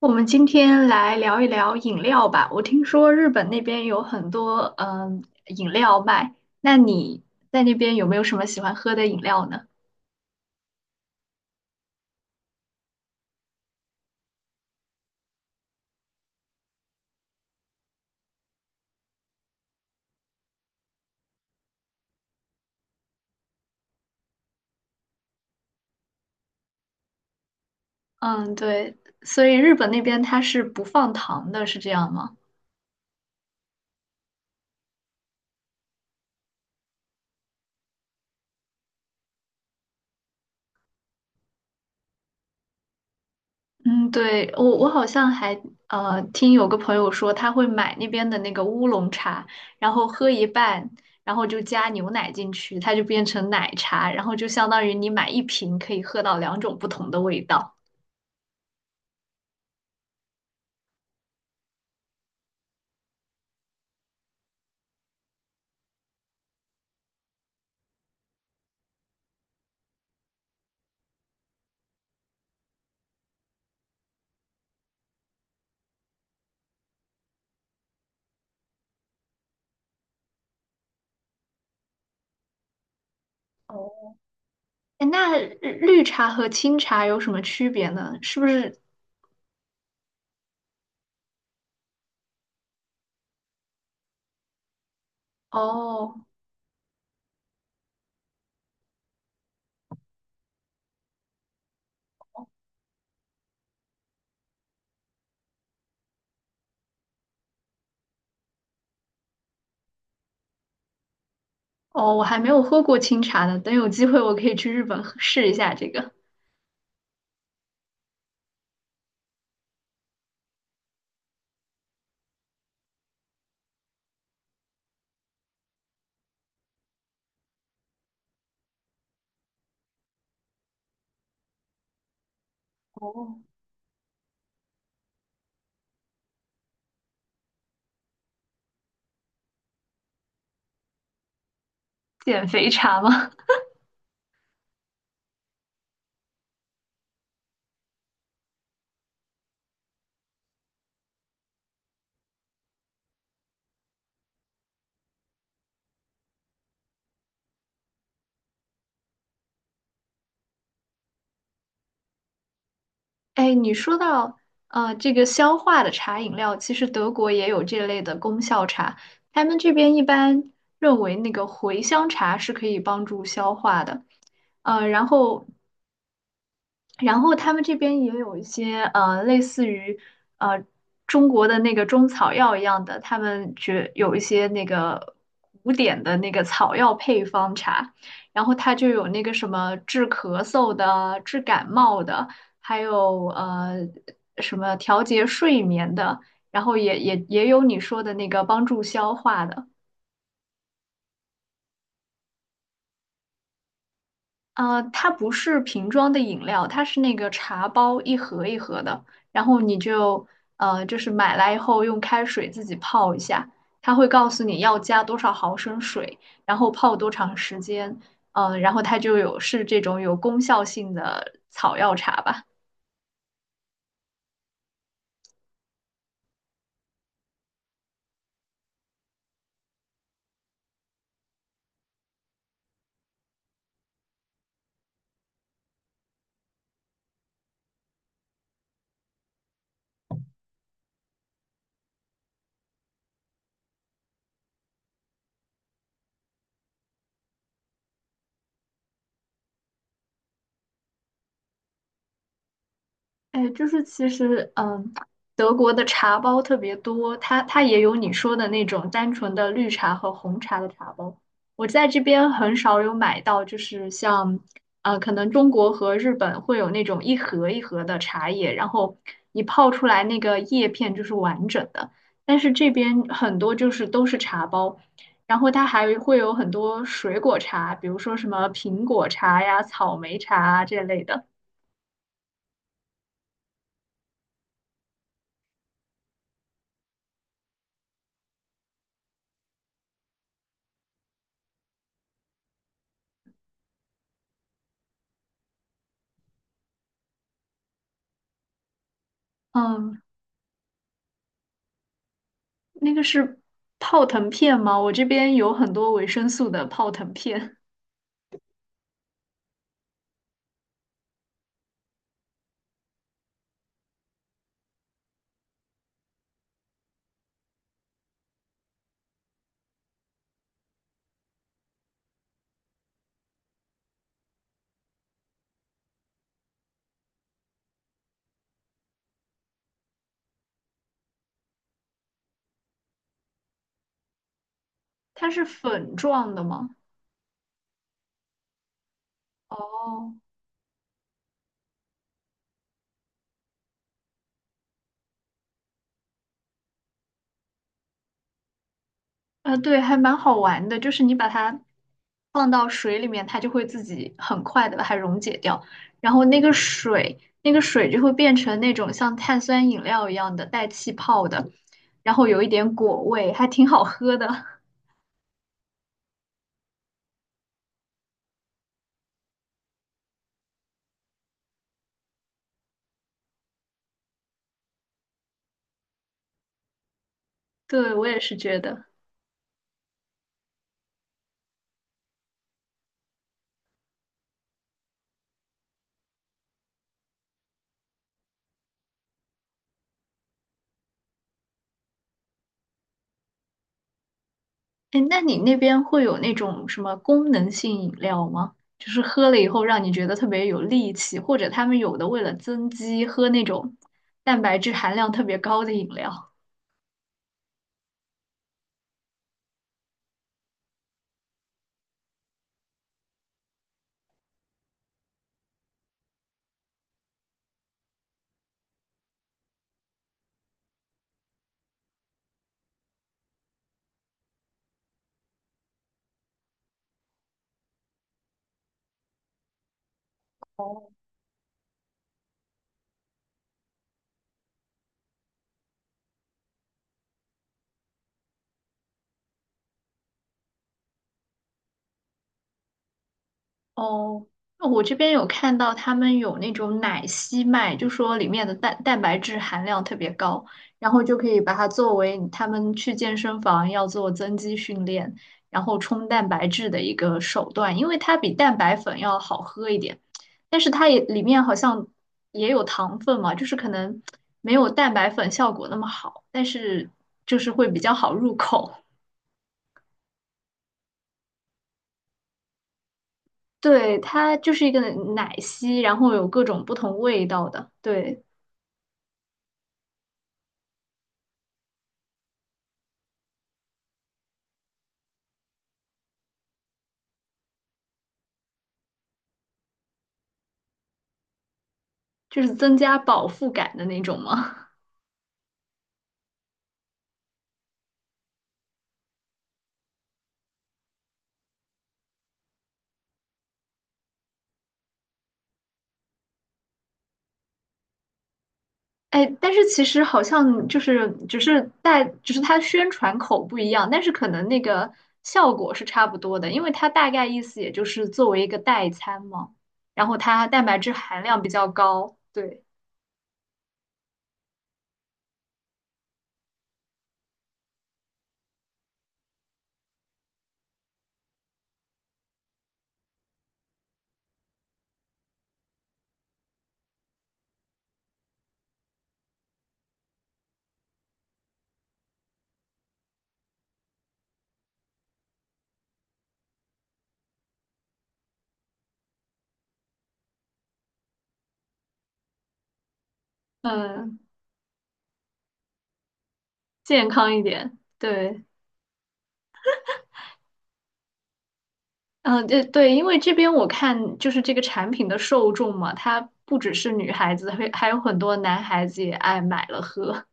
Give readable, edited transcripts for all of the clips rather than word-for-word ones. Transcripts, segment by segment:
我们今天来聊一聊饮料吧。我听说日本那边有很多饮料卖，那你在那边有没有什么喜欢喝的饮料呢？嗯，对，所以日本那边它是不放糖的，是这样吗？嗯，对，我好像还听有个朋友说他会买那边的那个乌龙茶，然后喝一半，然后就加牛奶进去，它就变成奶茶，然后就相当于你买一瓶可以喝到两种不同的味道。哎，那绿茶和清茶有什么区别呢？是不是？哦哦，我还没有喝过清茶呢，等有机会我可以去日本喝试一下这个。哦，减肥茶吗？哎，你说到这个消化的茶饮料，其实德国也有这类的功效茶，他们这边一般认为那个茴香茶是可以帮助消化的，然后然后他们这边也有一些类似于呃中国的那个中草药一样的，他们觉有一些那个古典的那个草药配方茶，然后它就有那个什么治咳嗽的、治感冒的，还有什么调节睡眠的，然后也有你说的那个帮助消化的。呃，它不是瓶装的饮料，它是那个茶包一盒一盒的，然后你就就是买来以后用开水自己泡一下，它会告诉你要加多少毫升水，然后泡多长时间，呃，然后它就有是这种有功效性的草药茶吧。哎，就是其实，嗯，德国的茶包特别多，它也有你说的那种单纯的绿茶和红茶的茶包。我在这边很少有买到，就是像，呃，可能中国和日本会有那种一盒一盒的茶叶，然后你泡出来那个叶片就是完整的。但是这边很多就是都是茶包，然后它还会有很多水果茶，比如说什么苹果茶呀、草莓茶啊这类的。嗯，那个是泡腾片吗？我这边有很多维生素的泡腾片，它是粉状的吗？哦，啊，对，还蛮好玩的，就是你把它放到水里面，它就会自己很快的把它溶解掉，然后那个水就会变成那种像碳酸饮料一样的带气泡的，然后有一点果味，还挺好喝的。对，我也是觉得。哎，那你那边会有那种什么功能性饮料吗？就是喝了以后让你觉得特别有力气，或者他们有的为了增肌喝那种蛋白质含量特别高的饮料。哦，那我这边有看到他们有那种奶昔卖，就说里面的蛋白质含量特别高，然后就可以把它作为他们去健身房要做增肌训练，然后冲蛋白质的一个手段，因为它比蛋白粉要好喝一点，但是它也里面好像也有糖分嘛，就是可能没有蛋白粉效果那么好，但是就是会比较好入口。对，它就是一个奶昔，然后有各种不同味道的，对。就是增加饱腹感的那种吗？哎，但是其实好像就是只是代，只是它宣传口不一样，但是可能那个效果是差不多的，因为它大概意思也就是作为一个代餐嘛，然后它蛋白质含量比较高，对，嗯，健康一点，对，嗯，对对，因为这边我看就是这个产品的受众嘛，它不只是女孩子，会还有很多男孩子也爱买了喝，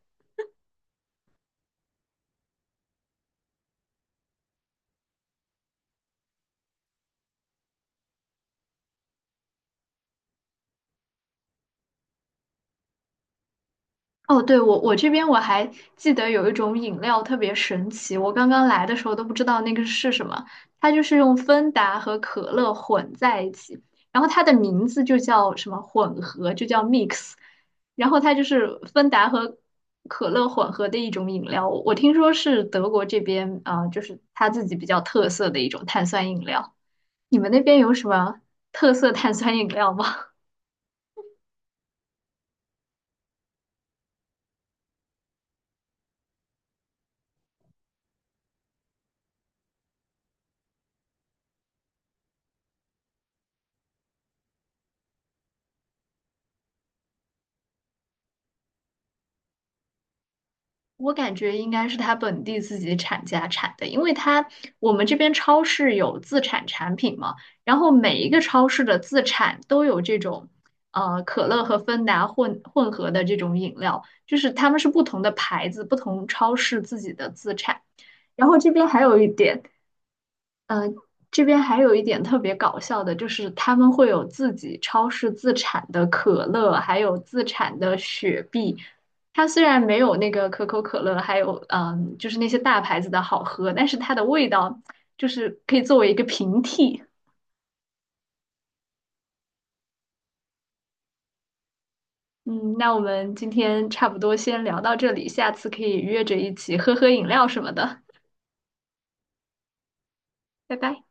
哦，对，我这边我还记得有一种饮料特别神奇，我刚刚来的时候都不知道那个是什么，它就是用芬达和可乐混在一起，然后它的名字就叫什么混合，就叫 mix,然后它就是芬达和可乐混合的一种饮料，我听说是德国这边啊，就是它自己比较特色的一种碳酸饮料。你们那边有什么特色碳酸饮料吗？我感觉应该是他本地自己产家产的，因为他我们这边超市有自产产品嘛，然后每一个超市的自产都有这种，呃，可乐和芬达混合的这种饮料，就是他们是不同的牌子、不同超市自己的自产。然后这边还有一点，这边还有一点特别搞笑的，就是他们会有自己超市自产的可乐，还有自产的雪碧。它虽然没有那个可口可乐，还有就是那些大牌子的好喝，但是它的味道就是可以作为一个平替。嗯，那我们今天差不多先聊到这里，下次可以约着一起喝喝饮料什么的。拜拜。